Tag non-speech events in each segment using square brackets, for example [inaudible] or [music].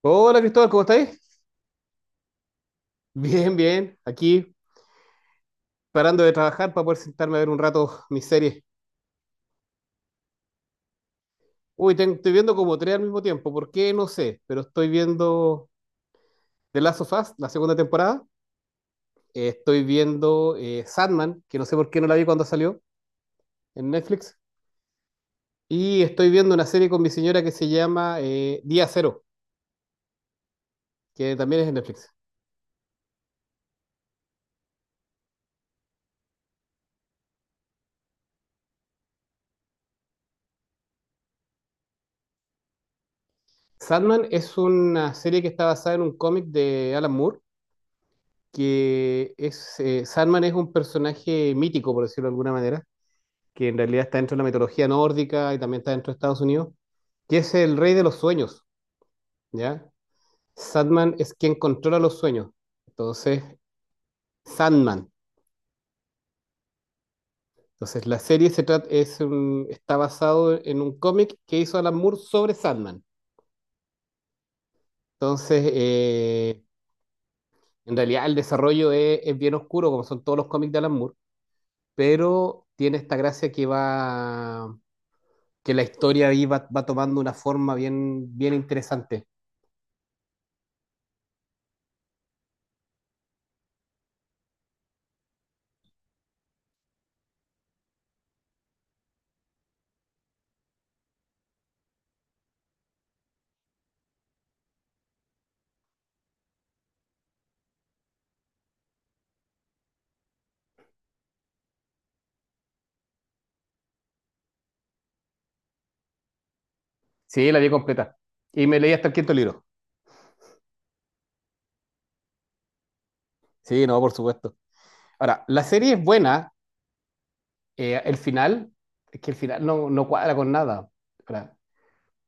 Hola Cristóbal, ¿cómo estáis? [laughs] Bien, bien. Aquí parando de trabajar para poder sentarme a ver un rato mis series. Uy, estoy viendo como tres al mismo tiempo. ¿Por qué? No sé. Pero estoy viendo The Last of Us, la segunda temporada. Estoy viendo Sandman, que no sé por qué no la vi cuando salió en Netflix. Y estoy viendo una serie con mi señora que se llama Día Cero, que también es en Netflix. Sandman es una serie que está basada en un cómic de Alan Moore Sandman es un personaje mítico, por decirlo de alguna manera, que en realidad está dentro de la mitología nórdica y también está dentro de Estados Unidos, que es el rey de los sueños, ¿ya? Sandman es quien controla los sueños, entonces, Sandman. Entonces, la serie se trata, está basado en un cómic que hizo Alan Moore sobre Sandman. Entonces, en realidad el desarrollo es bien oscuro, como son todos los cómics de Alan Moore, pero tiene esta gracia que la historia ahí va tomando una forma bien, bien interesante. Sí, la vi completa. Y me leí hasta el quinto libro. Sí, no, por supuesto. Ahora, la serie es buena. El final, es que el final no cuadra con nada. Ahora,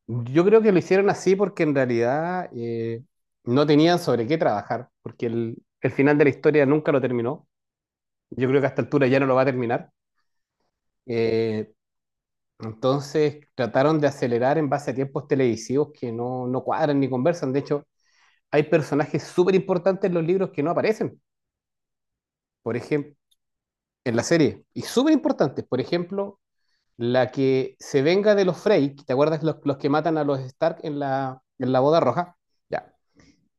yo creo que lo hicieron así porque en realidad no tenían sobre qué trabajar, porque el final de la historia nunca lo terminó. Yo creo que a esta altura ya no lo va a terminar. Eh, entonces trataron de acelerar en base a tiempos televisivos que no cuadran ni conversan. De hecho, hay personajes súper importantes en los libros que no aparecen, por ejemplo, en la serie, y súper importantes, por ejemplo, la que se venga de los Frey, ¿te acuerdas los que matan a los Stark en la boda roja? Ya.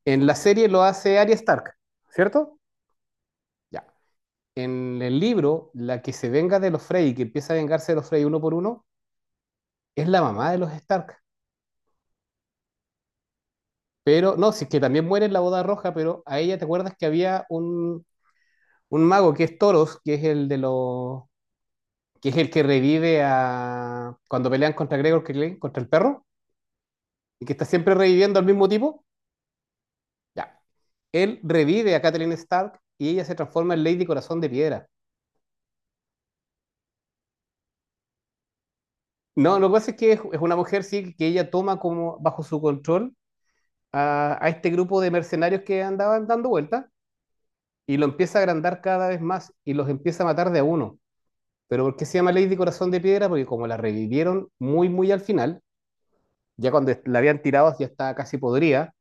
En la serie lo hace Arya Stark, ¿cierto? Ya. En el libro, la que se venga de los Frey y que empieza a vengarse de los Frey uno por uno, es la mamá de los Stark. Pero, no, sí, que también muere en la boda roja, pero a ella, ¿te acuerdas que había un mago que es Toros, que es el que revive a cuando pelean contra Gregor Clegane, contra el perro, y que está siempre reviviendo al mismo tipo, ya. Él revive a Catelyn Stark y ella se transforma en Lady Corazón de Piedra. No, lo que pasa es que es una mujer, sí, que ella toma como bajo su control a este grupo de mercenarios que andaban dando vueltas y lo empieza a agrandar cada vez más y los empieza a matar de a uno. Pero ¿por qué se llama Lady Corazón de Piedra? Porque como la revivieron muy, muy al final, ya cuando la habían tirado ya estaba casi podrida,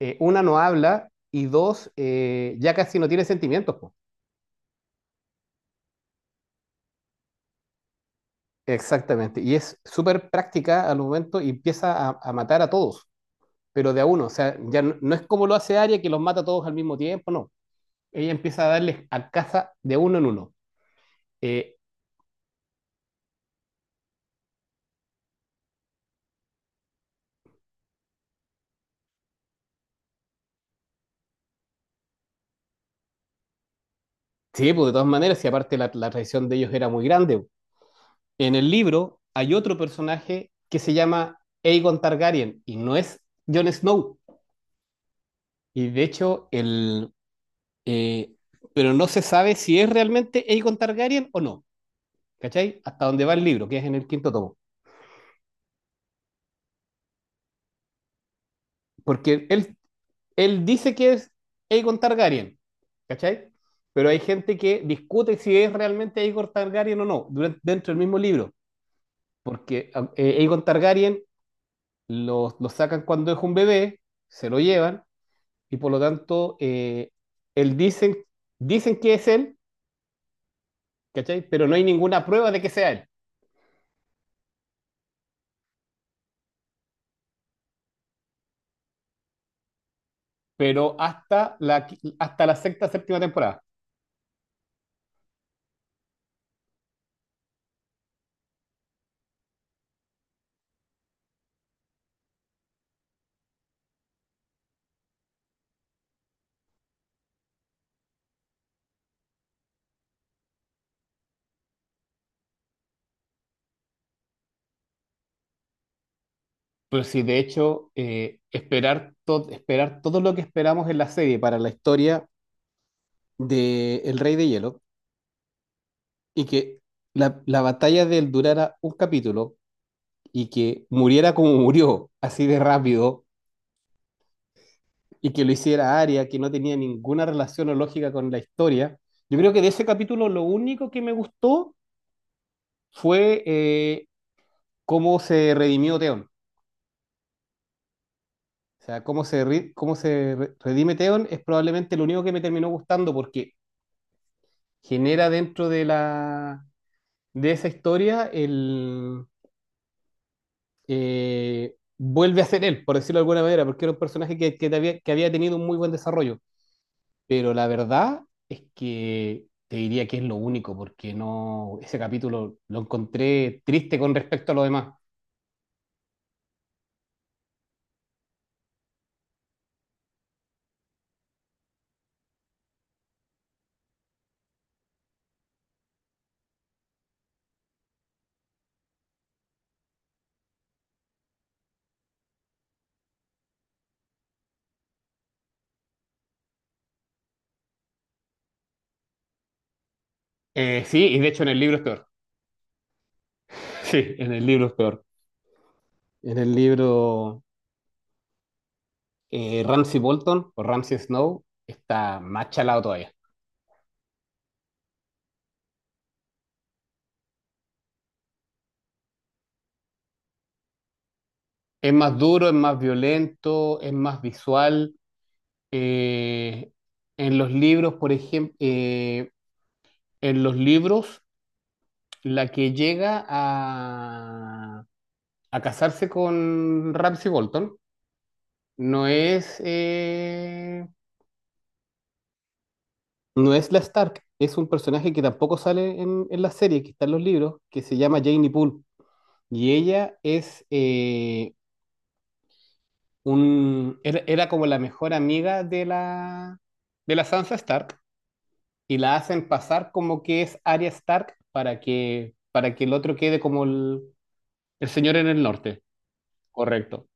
una no habla y dos, ya casi no tiene sentimientos. Po. Exactamente. Y es súper práctica al momento y empieza a matar a todos, pero de a uno. O sea, ya no es como lo hace Arya que los mata a todos al mismo tiempo, no. Ella empieza a darles a casa de uno en uno. Eh, sí, pues de todas maneras, y aparte la traición de ellos era muy grande. En el libro hay otro personaje que se llama Aegon Targaryen y no es Jon Snow. Y de hecho, Eh, pero no se sabe si es realmente Aegon Targaryen o no, ¿cachai? Hasta donde va el libro, que es en el quinto tomo. Porque él dice que es Aegon Targaryen, ¿cachai? Pero hay gente que discute si es realmente Aegon Targaryen o no, dentro del mismo libro. Porque Aegon Targaryen lo sacan cuando es un bebé, se lo llevan, y por lo tanto, él dicen, que es él, ¿cachai? Pero no hay ninguna prueba de que sea él. Pero hasta la sexta, séptima temporada. Pero sí, de hecho, esperar todo lo que esperamos en la serie para la historia de El Rey de Hielo y que la batalla de él durara un capítulo y que muriera como [laughs] murió, así de rápido, y que lo hiciera Arya, que no tenía ninguna relación o lógica con la historia. Yo creo que de ese capítulo lo único que me gustó fue cómo se redimió Theon. O sea, cómo se redime Theon es probablemente lo único que me terminó gustando porque genera dentro de esa historia el vuelve a ser él, por decirlo de alguna manera, porque era un personaje que que había tenido un muy buen desarrollo. Pero la verdad es que te diría que es lo único, porque no, ese capítulo lo encontré triste con respecto a lo demás. Sí, y de hecho en el libro es peor. [laughs] Sí, en el libro es peor. En el libro. Ramsay Bolton o Ramsay Snow está más chalado todavía. Es más duro, es más violento, es más visual. Eh, en los libros, por ejemplo, en los libros, la que llega a casarse con Ramsay Bolton no es, eh, no es la Stark, es un personaje que tampoco sale en la serie, que está en los libros, que se llama Janie Poole. Y ella era como la mejor amiga de la, Sansa Stark y la hacen pasar como que es Arya Stark para que el otro quede como el señor en el norte, correcto.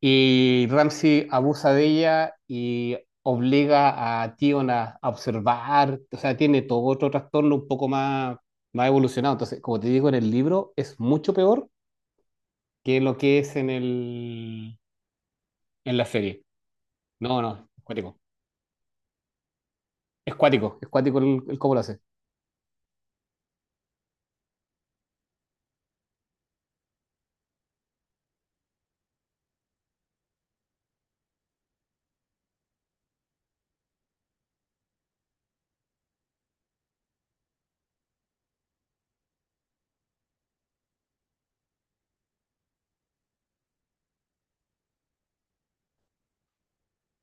Y Ramsay abusa de ella y obliga a Tion a observar, o sea, tiene todo otro trastorno un poco más evolucionado. Entonces, como te digo, en el libro es mucho peor que lo que es en la serie. No, no, cuático. Es cuático, es cuático el cómo lo hace.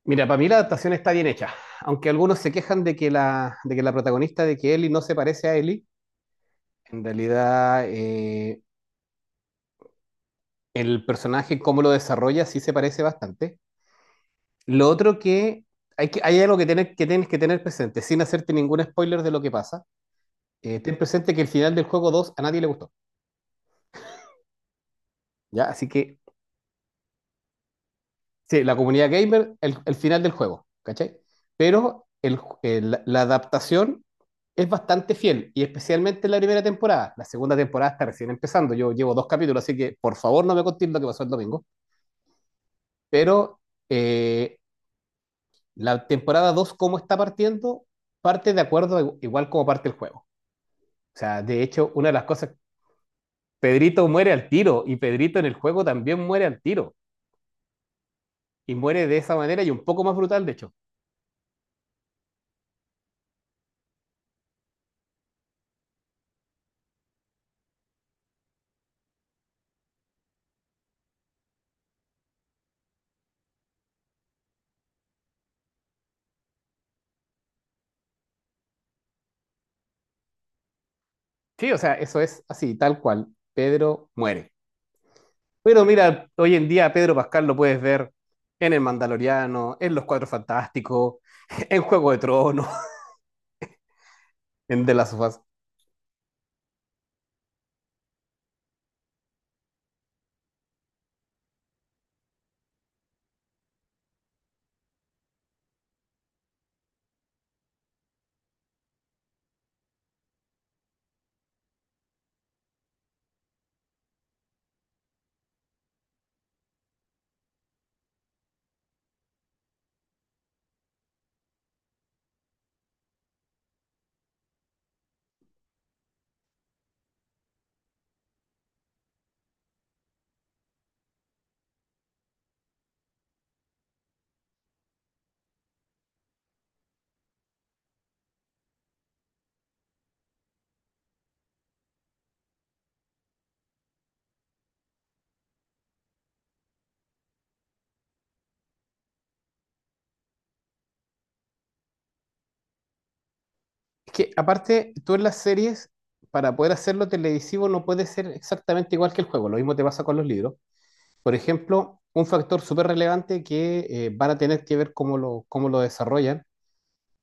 Mira, para mí la adaptación está bien hecha, aunque algunos se quejan de que la protagonista, de que Ellie no se parece a Ellie, en realidad el personaje, cómo lo desarrolla, sí se parece bastante. Lo otro que hay, hay algo que, tener, que tienes que tener presente, sin hacerte ningún spoiler de lo que pasa, ten presente que el final del juego 2 a nadie le gustó, ¿ya? Así que sí, la comunidad gamer, el final del juego, ¿cachai? Pero la adaptación es bastante fiel, y especialmente en la primera temporada. La segunda temporada está recién empezando, yo llevo dos capítulos, así que por favor no me contéis lo que pasó el domingo. Pero eh, la temporada dos, ¿cómo está partiendo? Parte de acuerdo igual como parte el juego. O sea, de hecho, una de las cosas, Pedrito muere al tiro, y Pedrito en el juego también muere al tiro, y muere de esa manera y un poco más brutal, de hecho. Sí, o sea, eso es así, tal cual. Pedro muere. Pero mira, hoy en día Pedro Pascal lo puedes ver en El Mandaloriano, en Los Cuatro Fantásticos, [laughs] en Juego de Tronos, [laughs] en The Last of Us. Es que aparte, tú en las series, para poder hacerlo televisivo, no puede ser exactamente igual que el juego. Lo mismo te pasa con los libros. Por ejemplo, un factor súper relevante que van a tener que ver cómo lo, desarrollan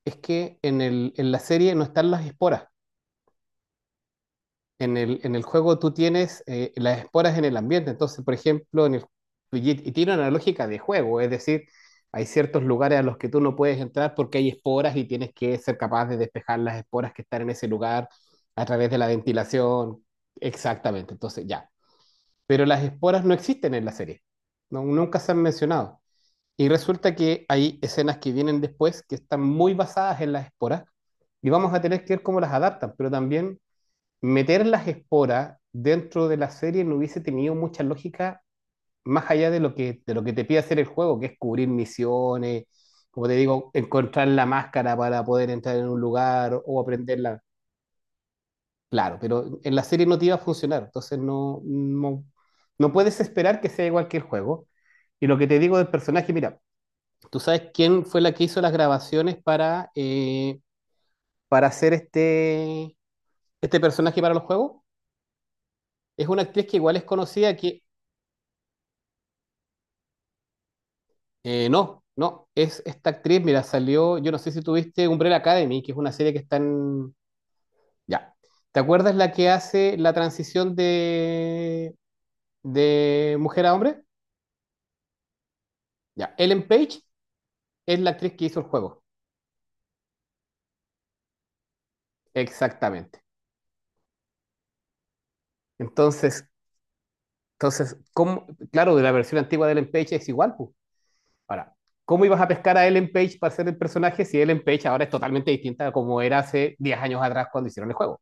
es que en la serie no están las esporas. En el juego tú tienes las esporas en el ambiente, entonces, por ejemplo, en el, y tiene una lógica de juego, es decir, hay ciertos lugares a los que tú no puedes entrar porque hay esporas y tienes que ser capaz de despejar las esporas que están en ese lugar a través de la ventilación, exactamente, entonces ya. Pero las esporas no existen en la serie, no, nunca se han mencionado. Y resulta que hay escenas que vienen después que están muy basadas en las esporas y vamos a tener que ver cómo las adaptan, pero también meter las esporas dentro de la serie no hubiese tenido mucha lógica más allá de lo que, te pide hacer el juego, que es cubrir misiones, como te digo, encontrar la máscara para poder entrar en un lugar o aprenderla. Claro, pero en la serie no te iba a funcionar, entonces no puedes esperar que sea igual que el juego. Y lo que te digo del personaje, mira, ¿tú sabes quién fue la que hizo las grabaciones para hacer este, personaje para los juegos? Es una actriz que igual es conocida, que no, no, es esta actriz, mira, salió, yo no sé si tuviste Umbrella Academy, que es una serie que está en... Ya. ¿Te acuerdas la que hace la transición de mujer a hombre? Ya. Ellen Page es la actriz que hizo el juego. Exactamente. Entonces, entonces, ¿cómo? Claro, de la versión antigua de Ellen Page es igual, pues. Ahora, ¿cómo ibas a pescar a Ellen Page para ser el personaje si Ellen Page ahora es totalmente distinta a como era hace 10 años atrás cuando hicieron el juego?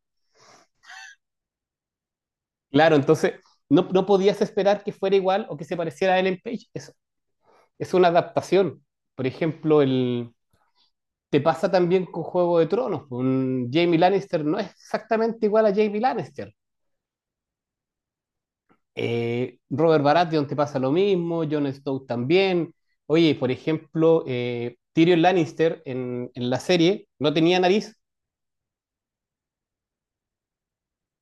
Claro, entonces no podías esperar que fuera igual o que se pareciera a Ellen Page. Es una adaptación. Por ejemplo, te pasa también con Juego de Tronos, pues. Un Jaime Lannister no es exactamente igual a Jaime Lannister. Robert Baratheon te pasa lo mismo, Jon Snow también. Oye, por ejemplo, Tyrion Lannister en la serie no tenía nariz,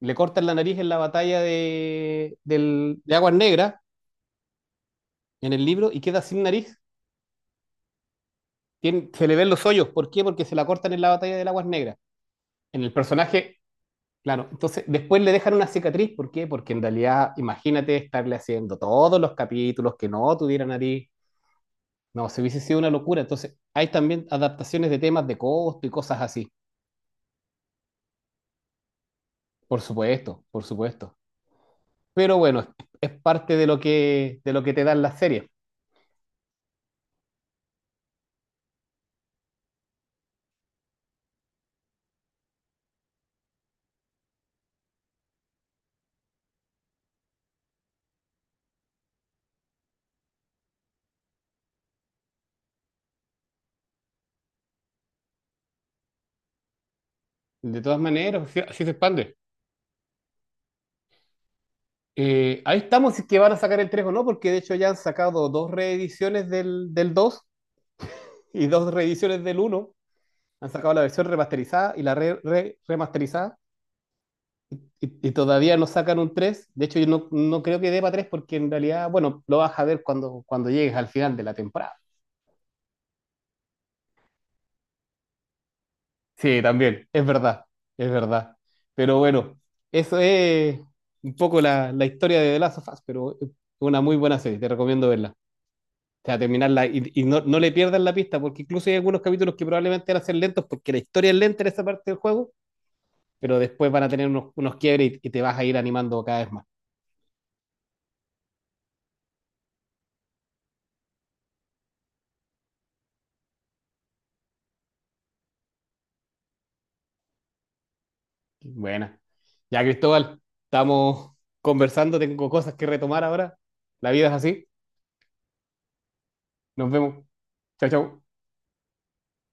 le cortan la nariz en la batalla de Aguas Negras, en el libro, y queda sin nariz. Tien- se le ven los hoyos. ¿Por qué? Porque se la cortan en la batalla del Aguas Negras. En el personaje, claro. Entonces, después le dejan una cicatriz. ¿Por qué? Porque en realidad, imagínate estarle haciendo todos los capítulos que no tuviera nariz. No, se hubiese sido una locura. Entonces, hay también adaptaciones de temas de costo y cosas así. Por supuesto, por supuesto. Pero bueno, es parte de lo que te dan las series. De todas maneras, así, así se expande. Ahí estamos, si es que van a sacar el 3 o no, porque de hecho ya han sacado dos reediciones del 2 y dos reediciones del uno. Han sacado la versión remasterizada y la remasterizada. Y todavía no sacan un tres. De hecho, yo no creo que dé para 3 porque en realidad, bueno, lo vas a ver cuando llegues al final de la temporada. Sí, también, es verdad, es verdad. Pero bueno, eso es un poco la historia de The Last of Us, pero es una muy buena serie, te recomiendo verla. O sea, terminarla y no le pierdas la pista, porque incluso hay algunos capítulos que probablemente van a ser lentos porque la historia es lenta en esa parte del juego, pero después van a tener unos quiebres y te vas a ir animando cada vez más. Buena. Ya, Cristóbal, estamos conversando, tengo cosas que retomar ahora. La vida es así. Nos vemos. Chao, chao.